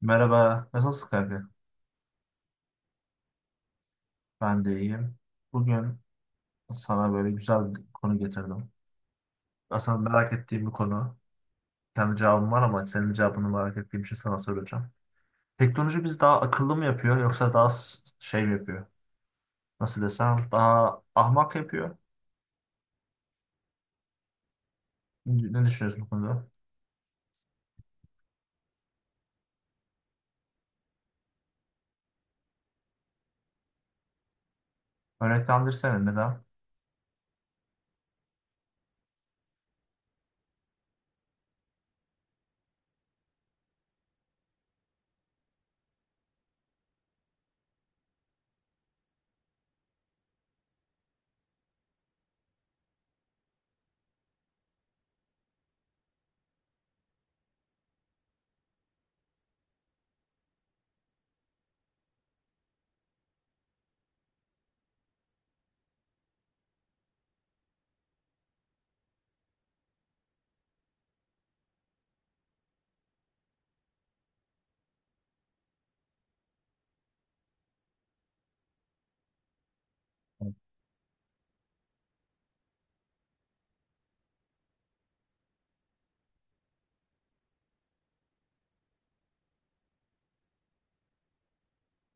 Merhaba, nasılsın kanka? Ben de iyiyim. Bugün sana böyle güzel bir konu getirdim. Aslında merak ettiğim bir konu. Kendi cevabım var ama senin cevabını merak ettiğim için sana soracağım. Teknoloji bizi daha akıllı mı yapıyor yoksa daha şey mi yapıyor? Nasıl desem daha ahmak yapıyor. Ne düşünüyorsun bu konuda? Örneklendirsene neden?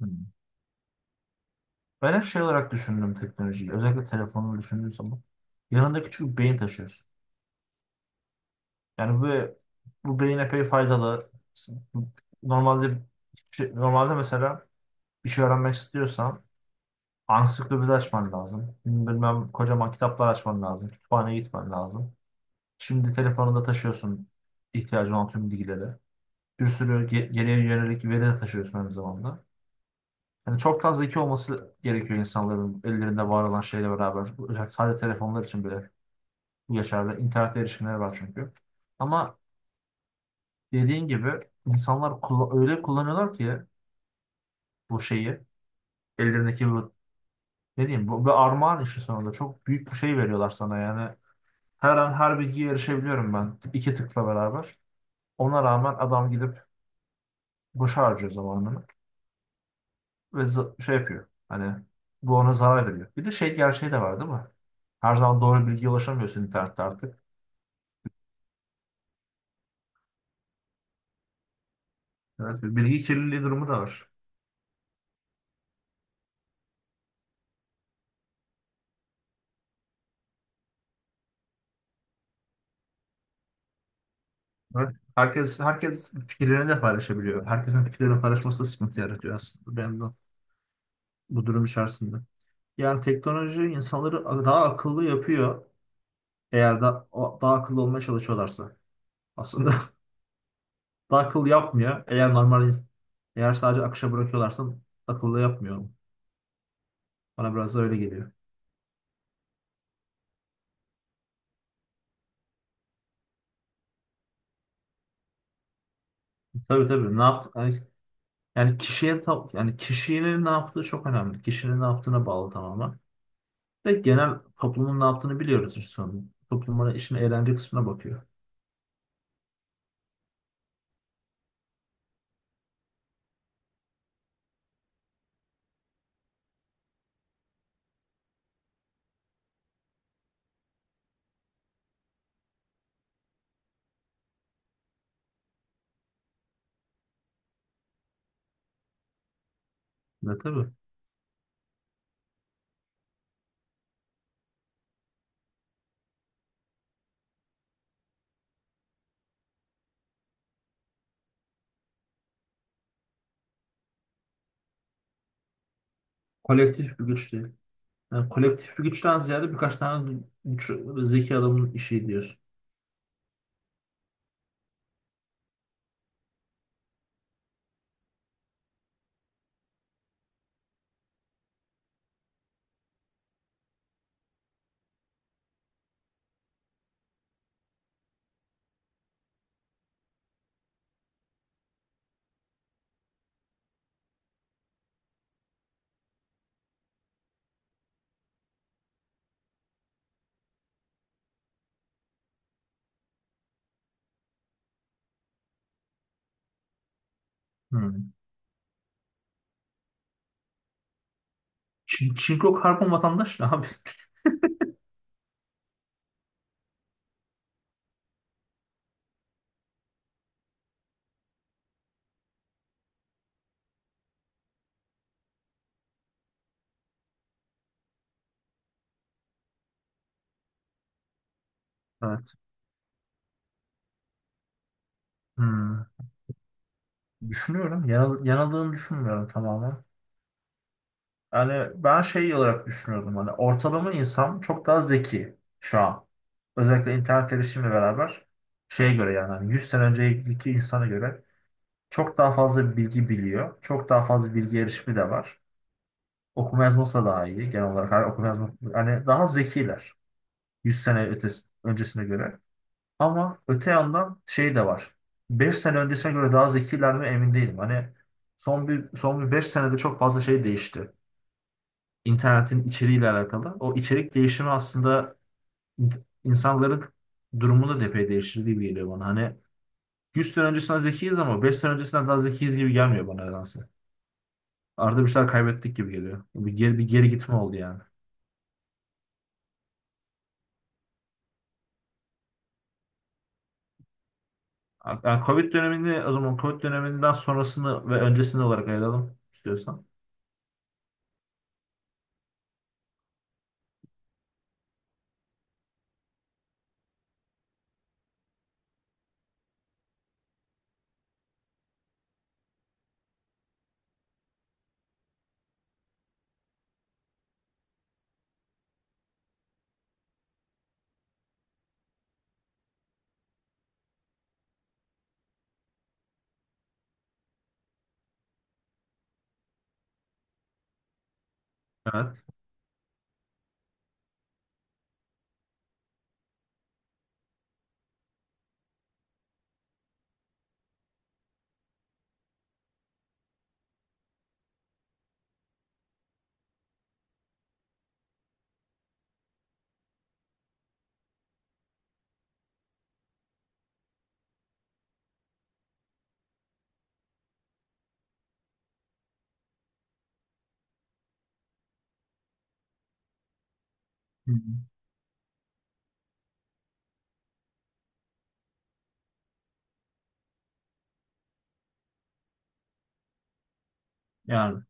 Hmm. Ben hep şey olarak düşündüm teknolojiyi. Özellikle telefonumu düşündüğüm zaman. Yanında küçük bir beyin taşıyorsun. Yani bu beyin epey faydalı. Normalde normalde mesela bir şey öğrenmek istiyorsan ansiklopedi açman lazım. Bilmem kocaman kitaplar açman lazım. Kütüphaneye gitmen lazım. Şimdi telefonunda taşıyorsun ihtiyacın olan tüm bilgileri. Bir sürü geriye yönelik veri de taşıyorsun aynı zamanda. Yani çoktan zeki olması gerekiyor insanların ellerinde var olan şeyle beraber. Özellikle sadece telefonlar için bile bu geçerli. İnternet erişimleri var çünkü. Ama dediğin gibi insanlar öyle kullanıyorlar ki bu şeyi ellerindeki bu ne diyeyim, bu bir armağan işi, sonunda çok büyük bir şey veriyorlar sana. Yani her an her bilgiye erişebiliyorum ben iki tıkla beraber, ona rağmen adam gidip boşa harcıyor zamanını ve şey yapıyor, hani bu ona zarar veriyor. Bir de şey gerçeği de var, değil mi? Her zaman doğru bilgiye ulaşamıyorsun internette artık. Evet, bir bilgi kirliliği durumu da var. Evet. Herkes fikirlerini de paylaşabiliyor. Herkesin fikirlerini paylaşması da sıkıntı yaratıyor aslında. Ben de bu durum içerisinde. Yani teknoloji insanları daha akıllı yapıyor eğer daha akıllı olmaya çalışıyorlarsa. Aslında daha akıllı yapmıyor. Eğer sadece akışa bırakıyorlarsa akıllı yapmıyor. Bana biraz da öyle geliyor. Tabii, tabii. Ne yaptı? Yani kişinin ne yaptığı çok önemli. Kişinin ne yaptığına bağlı tamamen. Ve genel toplumun ne yaptığını biliyoruz işte sonunda. Toplumun işin eğlence kısmına bakıyor. Ne, tabii. Kolektif bir güç değil. Yani kolektif bir güçten ziyade birkaç tane güç, zeki adamın işi diyorsun. Hmm. Çinko karbon vatandaş ne abi? Evet. Hmm. Düşünüyorum. Yanıldığını düşünmüyorum tamamen. Yani ben şey olarak düşünüyordum. Hani ortalama insan çok daha zeki şu an. Özellikle internet erişimle beraber şeye göre, yani hani 100 sene önceki insana göre çok daha fazla bilgi biliyor. Çok daha fazla bilgi erişimi de var. Okuma yazması da daha iyi genel olarak. Hani okuma yazma, hani daha zekiler. Öncesine göre. Ama öte yandan şey de var. 5 sene öncesine göre daha zekiler mi emin değilim. Hani son bir 5 senede çok fazla şey değişti. İnternetin içeriğiyle alakalı. O içerik değişimi aslında in- insanların durumunu da epey değiştirdiği gibi geliyor bana. Hani 100 sene öncesinden zekiyiz ama 5 sene öncesinden daha zekiyiz gibi gelmiyor bana nedense. Arada bir şeyler kaybettik gibi geliyor. Bir geri gitme oldu yani. Yani Covid dönemini, o zaman Covid döneminden sonrasını ve öncesini olarak ayıralım istiyorsan. Evet. Hı hı. Yani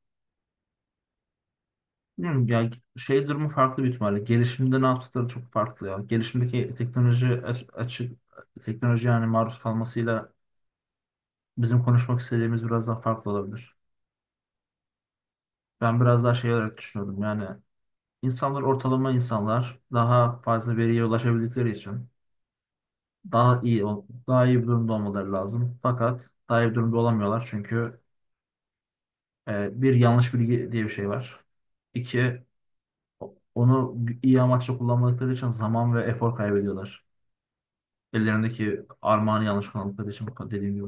bilmiyorum ya, şey durumu farklı bir ihtimalle. Gelişimde ne yaptıkları çok farklı ya. Açık teknoloji yani maruz kalmasıyla bizim konuşmak istediğimiz biraz daha farklı olabilir. Ben biraz daha şey olarak düşünüyordum. Yani ortalama insanlar daha fazla veriye ulaşabildikleri için daha iyi bir durumda olmaları lazım. Fakat daha iyi bir durumda olamıyorlar çünkü bir yanlış bilgi diye bir şey var. İki, onu iyi amaçla kullanmadıkları için zaman ve efor kaybediyorlar. Ellerindeki armağanı yanlış kullandıkları için dediğim gibi.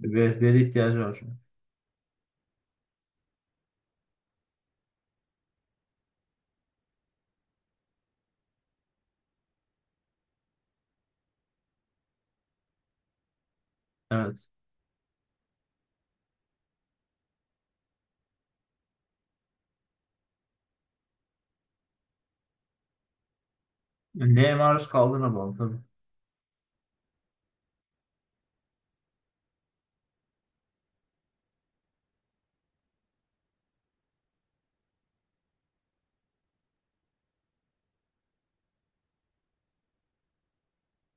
Ve veri ihtiyacı var çünkü. Evet. Yani neye maruz kaldığına bağlı tabii.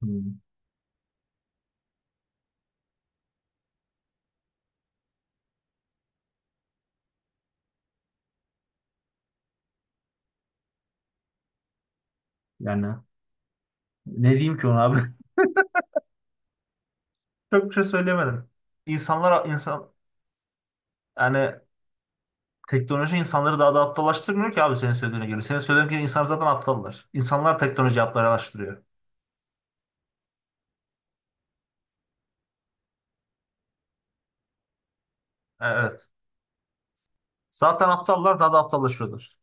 Hmm. Yani ne diyeyim ki ona abi? Çok bir şey söylemedim. İnsanlar, yani teknoloji insanları daha da aptallaştırmıyor ki abi senin söylediğine göre. Senin söylediğin gibi insanlar zaten aptallar. İnsanlar teknoloji aptallaştırıyor. Evet. Zaten aptallar daha da aptallaşıyorlar.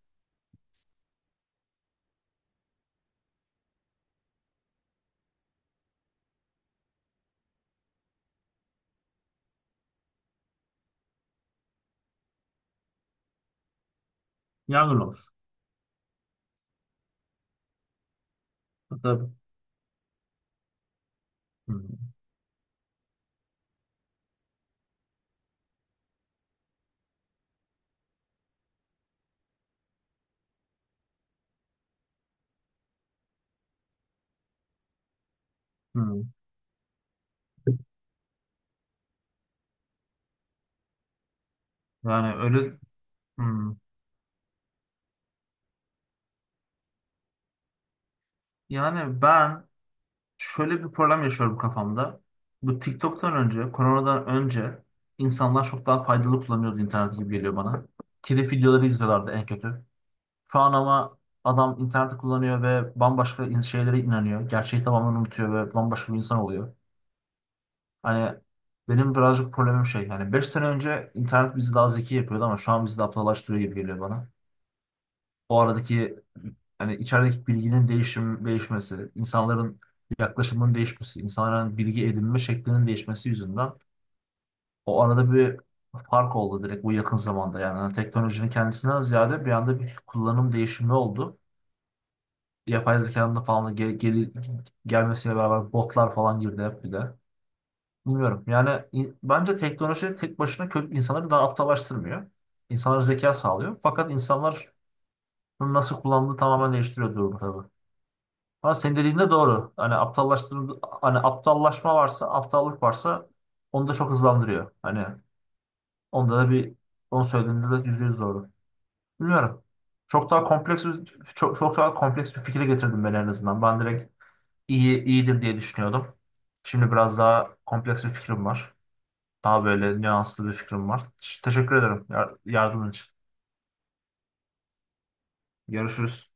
Yangın olur. Tabii. Hmm. Hmm. Yani öyle. Hmm. Yani ben şöyle bir problem yaşıyorum kafamda. Bu TikTok'tan önce, koronadan önce insanlar çok daha faydalı kullanıyordu internet gibi geliyor bana. Telif videoları izliyorlardı en kötü. Şu an ama adam interneti kullanıyor ve şeylere inanıyor. Gerçeği tamamen unutuyor ve bambaşka bir insan oluyor. Hani benim birazcık problemim şey. Yani 5 sene önce internet bizi daha zeki yapıyordu ama şu an bizi de aptallaştırıyor gibi geliyor bana. O aradaki, hani içerideki bilginin değişim değişmesi, insanların yaklaşımının değişmesi, insanların bilgi edinme şeklinin değişmesi yüzünden o arada bir fark oldu direkt bu yakın zamanda. Yani hani teknolojinin kendisinden ziyade bir anda bir kullanım değişimi oldu. Yapay zekanın da falan da gelmesiyle beraber botlar falan girdi hep bir de. Bilmiyorum. Yani bence teknoloji tek başına kötü insanları daha aptallaştırmıyor. İnsanlara zeka sağlıyor. Fakat insanlar bunu nasıl kullandığı tamamen değiştiriyor durumu tabii. Ama senin dediğin de doğru. Hani aptallaşma varsa, aptallık varsa onu da çok hızlandırıyor. Hani onda da bir, onu söylediğinde de yüzde yüz doğru. Bilmiyorum. Çok daha kompleks bir, Çok, daha kompleks bir fikre getirdim ben en azından. Ben direkt iyi iyidir diye düşünüyordum. Şimdi biraz daha kompleks bir fikrim var. Daha böyle nüanslı bir fikrim var. Teşekkür ederim yardımın için. Görüşürüz.